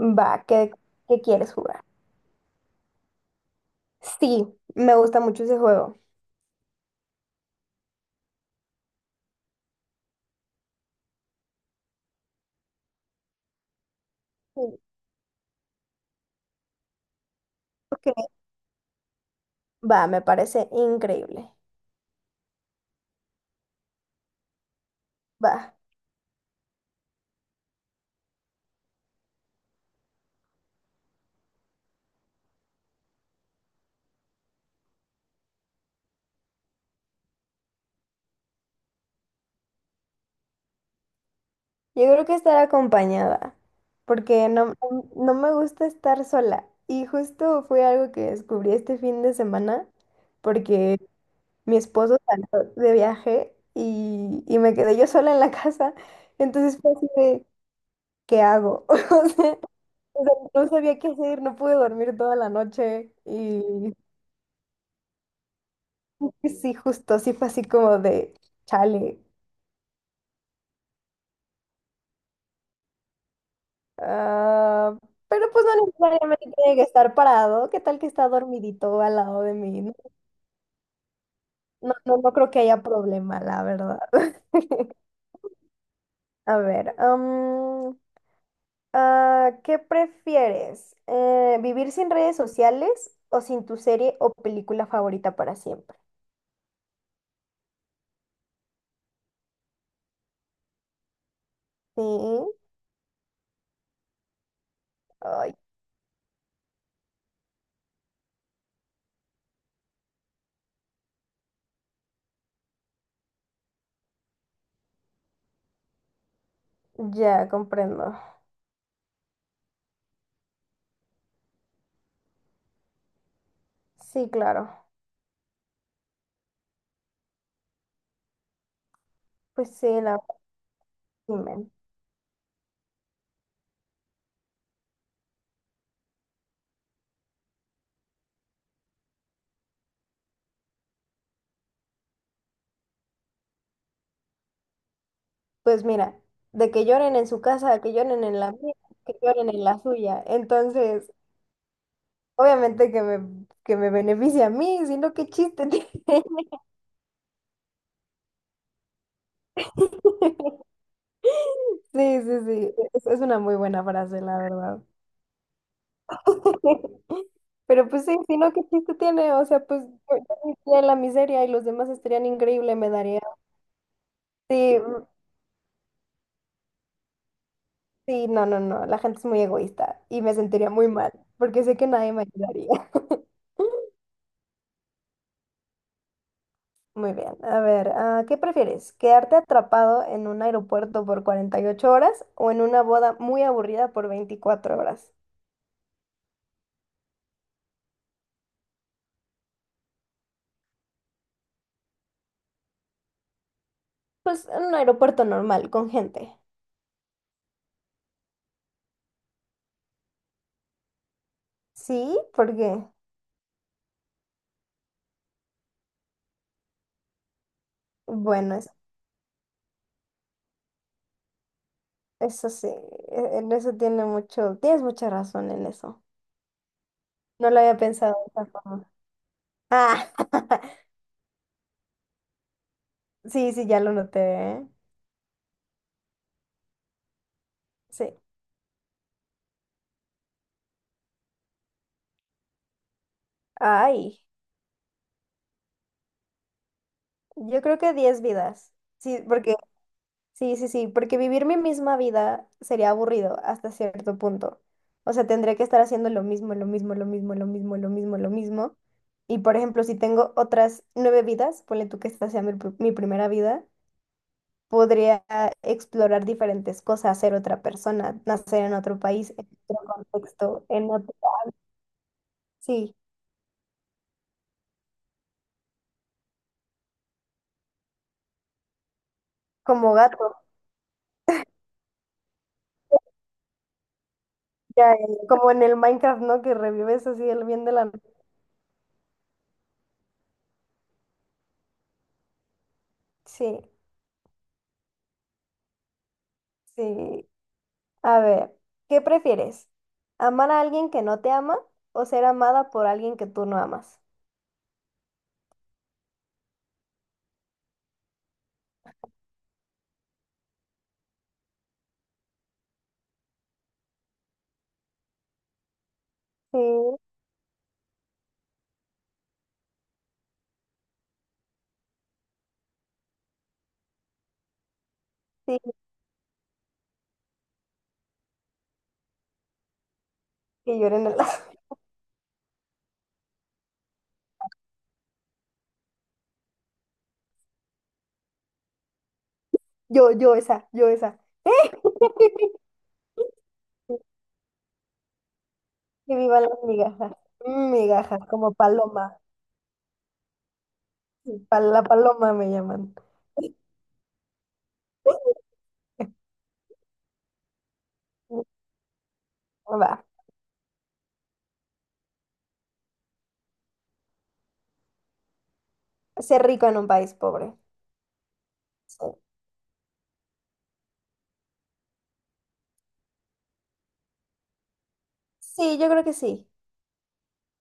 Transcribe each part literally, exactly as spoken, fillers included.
Va, ¿qué, qué quieres jugar? Sí, me gusta mucho ese juego. Sí, ok. Va, me parece increíble. Va, yo creo que estar acompañada, porque no, no no me gusta estar sola. Y justo fue algo que descubrí este fin de semana, porque mi esposo salió de viaje y, y me quedé yo sola en la casa. Entonces fue así de, ¿qué hago? O sea, o sea, no sabía qué hacer, no pude dormir toda la noche y sí, justo, sí fue así como de chale. Ah, pero pues no necesariamente tiene que estar parado. ¿Qué tal que está dormidito al lado de mí? No, no, no, no creo que haya problema, la verdad. A ver, am, ah, ¿qué prefieres? Eh, ¿vivir sin redes sociales o sin tu serie o película favorita para siempre? Sí, ay, ya comprendo. Sí, claro. Pues sí, la... Dime. Pues mira, de que lloren en su casa, que lloren en la mía, que lloren en la suya. Entonces, obviamente que me, que me beneficia a mí, sino qué chiste tiene. Sí, sí, sí, es, es una muy buena frase, la verdad. Pero pues sí, sino qué chiste tiene. O sea, pues yo, yo viviría en la miseria y los demás estarían increíble, me daría. Sí, mm, sí, no, no, no, la gente es muy egoísta y me sentiría muy mal, porque sé que nadie me ayudaría. Muy bien, a ver, ah, ¿qué prefieres? ¿Quedarte atrapado en un aeropuerto por cuarenta y ocho horas o en una boda muy aburrida por veinticuatro horas? Pues en un aeropuerto normal, con gente. Sí, porque, bueno, es- eso sí, e- en eso tiene mucho, tienes mucha razón en eso. No lo había pensado de esa forma. Ah, sí, sí, ya lo noté, ¿eh? Sí. Ay, yo creo que diez vidas. Sí, porque sí, sí, sí, porque vivir mi misma vida sería aburrido hasta cierto punto. O sea, tendría que estar haciendo lo mismo, lo mismo, lo mismo, lo mismo, lo mismo, lo mismo. Y por ejemplo, si tengo otras nueve vidas, ponle tú que esta sea mi, pr- mi primera vida, podría explorar diferentes cosas, ser otra persona, nacer en otro país, en otro contexto, en otro... Sí, como gato, ya, eh, como en el Minecraft, ¿no? Que revives así el bien de la... Sí, sí. A ver, ¿qué prefieres? ¿Amar a alguien que no te ama o ser amada por alguien que tú no amas? Sí, sí, que lloren el... Yo, yo esa, yo esa. Que vivan las migajas. Mm, migajas, como paloma. Pa- La paloma me llaman. Va, ser rico en un país pobre. Sí. Sí, yo creo que sí.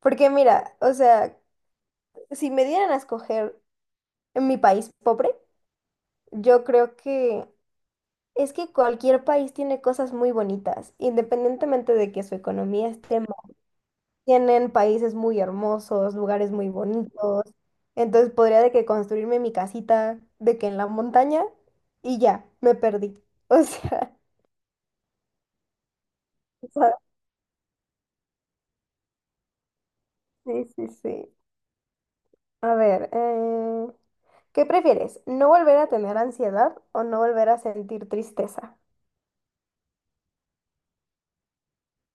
Porque mira, o sea, si me dieran a escoger en mi país pobre, yo creo que... Es que cualquier país tiene cosas muy bonitas, independientemente de que su economía esté mal. Tienen países muy hermosos, lugares muy bonitos. Entonces podría de que construirme mi casita de que en la montaña y ya, me perdí. O sea, o sea, sí, sí, sí. A ver, eh, ¿qué prefieres? ¿No volver a tener ansiedad o no volver a sentir tristeza?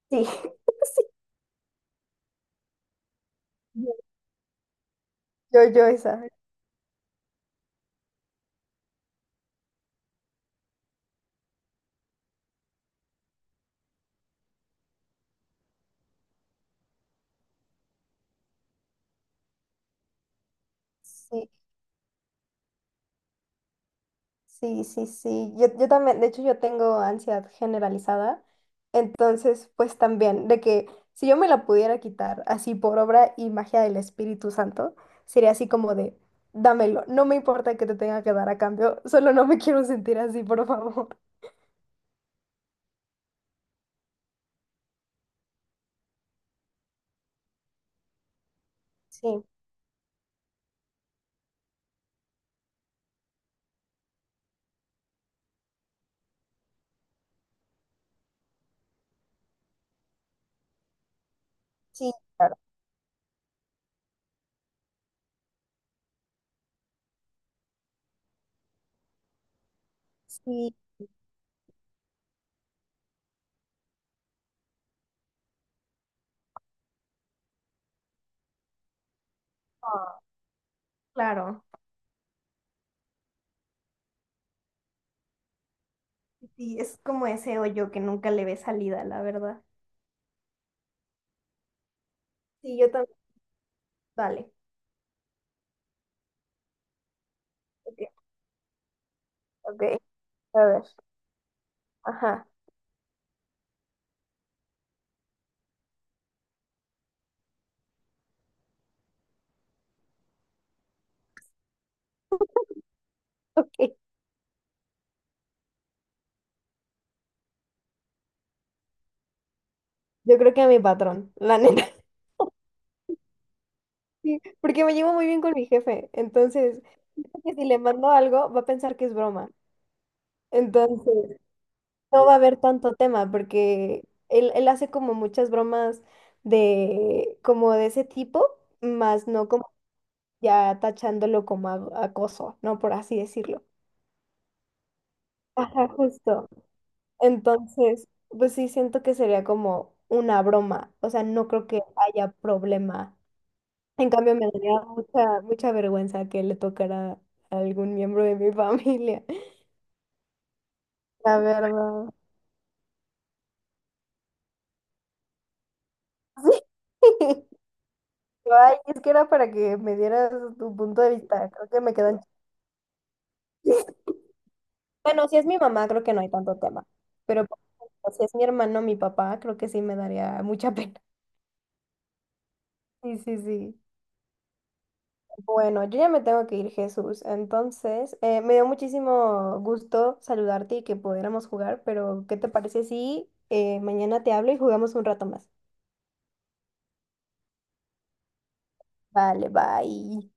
Sí, sí. Yo, yo esa. Sí. Sí, sí, sí. Yo, yo también, de hecho, yo tengo ansiedad generalizada. Entonces, pues también, de que si yo me la pudiera quitar así por obra y magia del Espíritu Santo, sería así como de, dámelo, no me importa que te tenga que dar a cambio, solo no me quiero sentir así, por favor. Sí, sí, claro. Sí, ah, claro, sí, es como ese hoyo que nunca le ve salida, la verdad. Sí, yo también. Dale. Ok, ok, a ver. Ajá. Ok. Yo creo que a mi patrón, la neta. Sí, porque me llevo muy bien con mi jefe, entonces siento que si le mando algo va a pensar que es broma, entonces no va a haber tanto tema porque él, él hace como muchas bromas de como de ese tipo, más no como ya tachándolo como a- acoso, ¿no? Por así decirlo. Ajá, justo. Entonces, pues sí siento que sería como una broma, o sea, no creo que haya problema. En cambio, me daría mucha, mucha vergüenza que le tocara a algún miembro de mi familia. La verdad. Ay, es que era para que me dieras tu punto de vista. Creo que me quedan chistes. Bueno, si es mi mamá, creo que no hay tanto tema. Pero por ejemplo, si es mi hermano, mi papá, creo que sí me daría mucha pena. Sí, sí, sí. Bueno, yo ya me tengo que ir, Jesús. Entonces, eh, me dio muchísimo gusto saludarte y que pudiéramos jugar, pero ¿qué te parece si eh, mañana te hablo y jugamos un rato más? Vale, bye.